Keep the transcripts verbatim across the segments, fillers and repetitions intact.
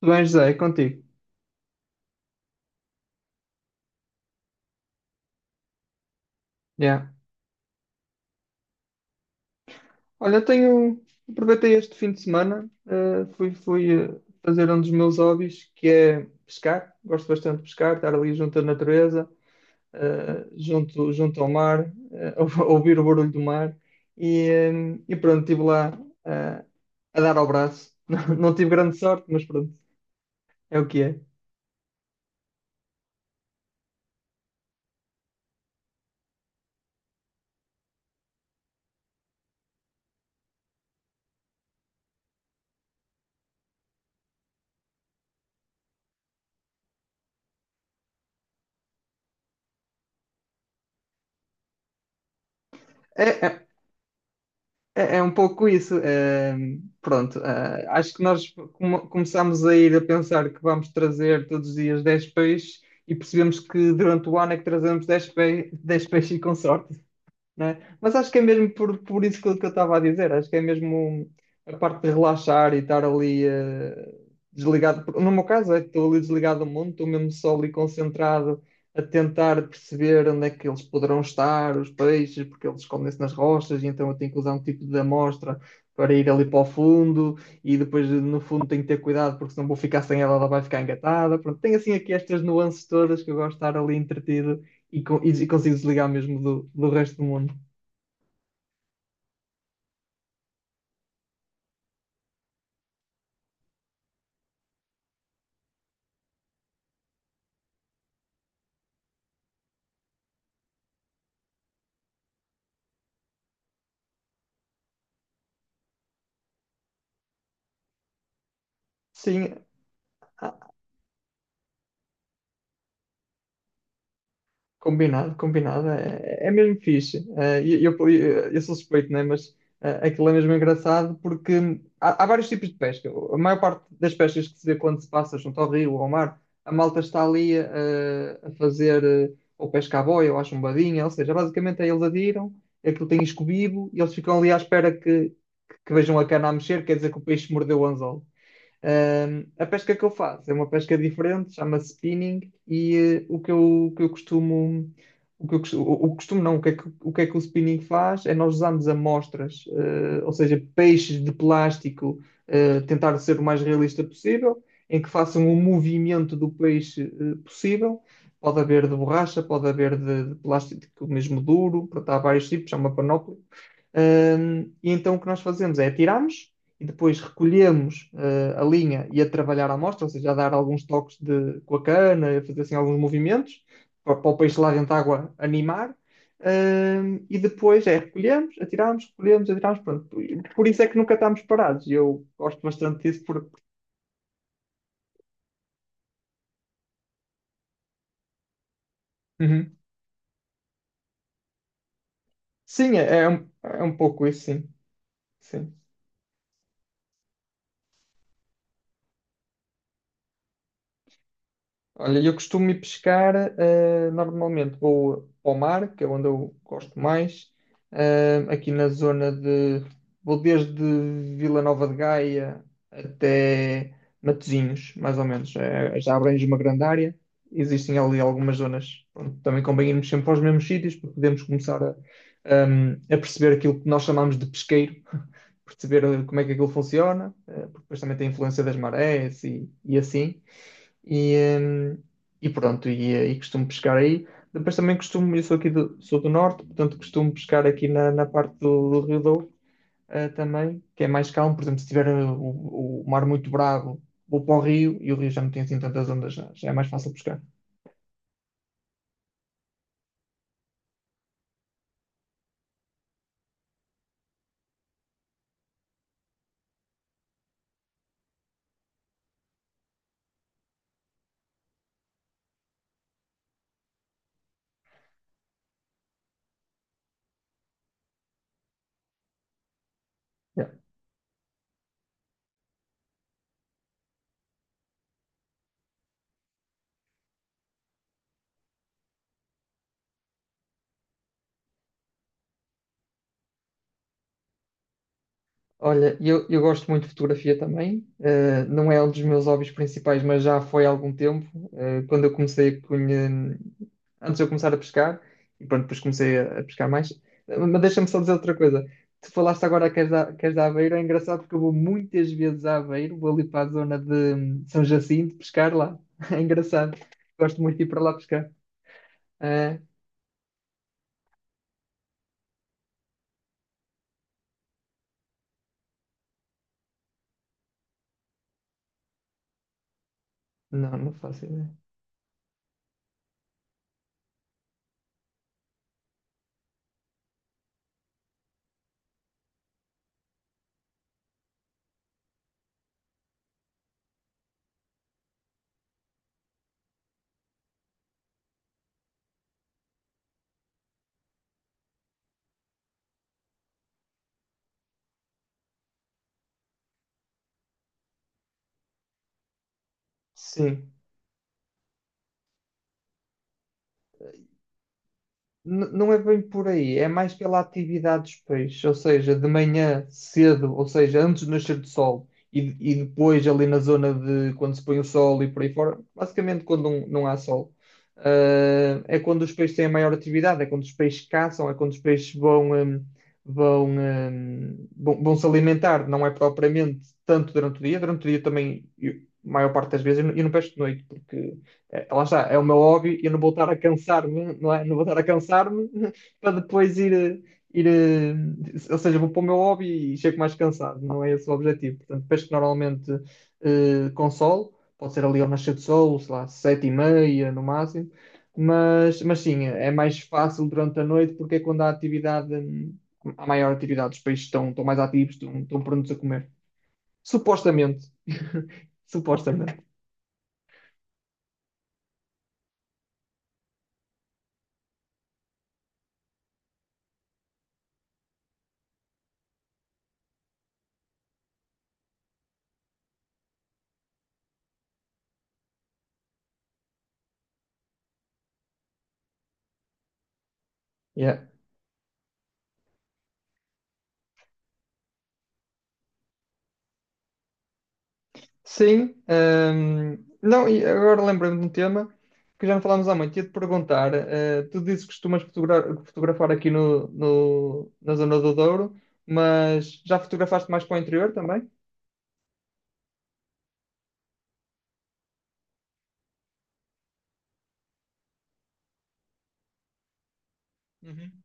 Tudo bem, José, é contigo. Yeah. Olha, tenho. Aproveitei este fim de semana, eh, fui, fui eh, fazer um dos meus hobbies, que é pescar. Gosto bastante de pescar, estar ali junto à natureza, eh, junto, junto ao mar, eh, ouvir o barulho do mar. E, eh, e pronto, estive lá, eh, a dar ao braço. Não, tive grande sorte, mas pronto, é o que é. É, é. É, é um pouco isso. Eh, pronto, eh, acho que nós come- começámos a ir a pensar que vamos trazer todos os dias dez peixes, e percebemos que durante o ano é que trazemos dez pe dez peixes e consorte, não é? Mas acho que é mesmo por, por isso que eu que eu estava a dizer. Acho que é mesmo a parte de relaxar e estar ali eh, desligado. No meu caso, é que estou ali desligado do mundo, estou mesmo só ali concentrado a tentar perceber onde é que eles poderão estar, os peixes, porque eles escondem-se nas rochas, e então eu tenho que usar um tipo de amostra para ir ali para o fundo, e depois no fundo tenho que ter cuidado, porque senão vou ficar sem ela, ela vai ficar engatada. Pronto, tem assim aqui estas nuances todas que eu gosto de estar ali entretido, e co- e consigo desligar mesmo do, do resto do mundo. Sim, ah, combinado, combinado. É, é mesmo fixe. É, e eu, eu, eu sou suspeito, né? Mas é, aquilo é mesmo engraçado porque há, há vários tipos de pesca. A maior parte das pescas que se vê quando se passa junto ao rio ou ao mar, a malta está ali, eh, a, fazer eh, ou pesca à boia ou à chumbadinha, ou seja, basicamente é eles adiram, aquilo tem escobibo e eles ficam ali à espera que, que vejam a cana a mexer, quer dizer que o peixe mordeu o anzol. Ahm, a pesca que eu faço é uma pesca diferente, chama-se spinning. E eh, o que eu, o que eu costumo, o que eu costumo, o, o costumo, não, o que é que, o que é que o spinning faz é: nós usamos amostras, eh, ou seja, peixes de plástico, eh, tentar ser o mais realista possível, em que façam o movimento do peixe, eh, possível. Pode haver de borracha, pode haver de, de plástico mesmo duro. Portanto, há vários tipos, é uma panóplia. Ahm, e então o que nós fazemos é: atiramos e depois recolhemos eh, a linha e a trabalhar a amostra, ou seja, a dar alguns toques de, com a cana, a fazer assim alguns movimentos para, para o peixe lá dentro da água animar. Ahm, e depois é recolhemos, atiramos, recolhemos, atiramos, pronto. Por isso é que nunca estamos parados. E eu gosto bastante disso. Por... Uhum. Sim, é, é um, é um pouco isso, sim. Sim. Olha, eu costumo ir pescar. Eh, normalmente vou ao mar, que é onde eu gosto mais, eh, aqui na zona de. Vou desde Vila Nova de Gaia até Matosinhos, mais ou menos. Eh, já abrange uma grande área. Existem ali algumas zonas. Pronto, também convém irmos sempre aos mesmos sítios para podermos começar a, ehm, a perceber aquilo que nós chamamos de pesqueiro, perceber eh, como é que aquilo funciona, eh, porque depois também tem a influência das marés e, e assim. E, hum, e pronto, e, eh, e costumo pescar aí. Depois também costumo, eu sou aqui do, sou do norte, portanto costumo pescar aqui na, na parte do, do Rio Douro, eh, também, que é mais calmo. Por exemplo, se tiver eh, o, o mar muito bravo, vou para o rio, e o rio já não tem assim tantas ondas, já, já é mais fácil pescar. Olha, eu, eu gosto muito de fotografia também. Eh, não é um dos meus hobbies principais, mas já foi há algum tempo. Eh, quando eu comecei a conhe- Antes de eu começar a pescar, e pronto, depois comecei a, a pescar mais. Eh, Mas deixa-me só dizer outra coisa. Tu falaste agora que és da, que és da Aveiro. É engraçado, porque eu vou muitas vezes a Aveiro, vou ali para a zona de hum, São Jacinto pescar lá. É engraçado. Gosto muito de ir para lá pescar. É, não, não faço ideia. Sim. N- Não é bem por aí, é mais pela atividade dos peixes, ou seja, de manhã cedo, ou seja, antes do nascer do sol, e, e depois ali na zona de quando se põe o sol e por aí fora, basicamente quando não, não há sol. Ah, é quando os peixes têm a maior atividade, é quando os peixes caçam, é quando os peixes vão, hum, vão, hum, vão, vão se alimentar. Não é propriamente tanto durante o dia. Durante o dia também, eu- a maior parte das vezes, eu não eu não pesco de noite, porque é, lá está, é o meu hobby. Eu não vou estar a cansar-me, não é? Não vou estar a cansar-me para depois ir, eh, ir, eh, ou seja, vou para o meu hobby e chego mais cansado. Não é esse o objetivo. Portanto, pesco normalmente eh, com sol, pode ser ali ao nascer do sol, sei lá, sete e meia no máximo. Mas, mas sim, é mais fácil durante a noite porque é quando há atividade, hum, há maior atividade, os peixes estão, estão mais ativos, estão, estão prontos a comer. Supostamente. Supostamente. Yeah. Sim, hum, não, e agora lembrei-me de um tema que já não falámos há muito. Ia-te perguntar: eh, tu dizes que costumas fotogra- fotografar aqui no, no- na zona do Douro, mas já fotografaste mais para o interior também? Uhum.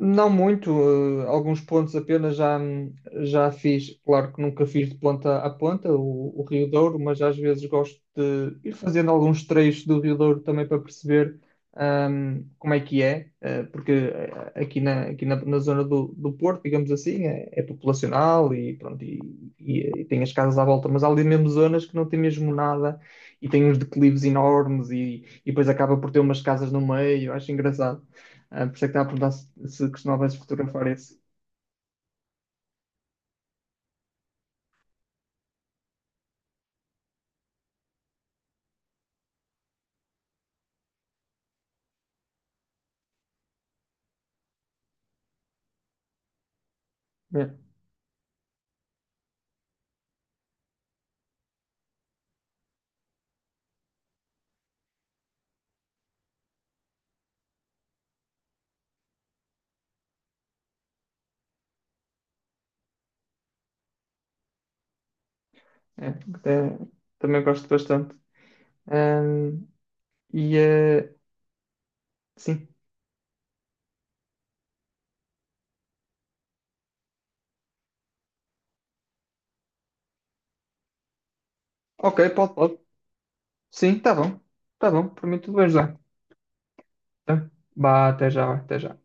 Não muito, eh, alguns pontos apenas já, já fiz. Claro que nunca fiz de ponta a ponta o, o Rio Douro, mas às vezes gosto de ir fazendo alguns trechos do Rio Douro também para perceber ahm, como é que é, eh, porque eh, aqui na, aqui na, na zona do, do Porto, digamos assim, é, é populacional, e pronto, e, e- e tem as casas à volta, mas há ali mesmo zonas que não tem mesmo nada, e tem uns declives enormes, e, e depois acaba por ter umas casas no meio. Acho engraçado. Ah, por isso é que estava a perguntar se, se costumavas fotografar esse. É, é, até- também gosto bastante. Ahm, e eh, sim. Ok, pode, pode. Sim, tá bom. Tá bom, por mim tudo bem já. Então, vá, até já, até já.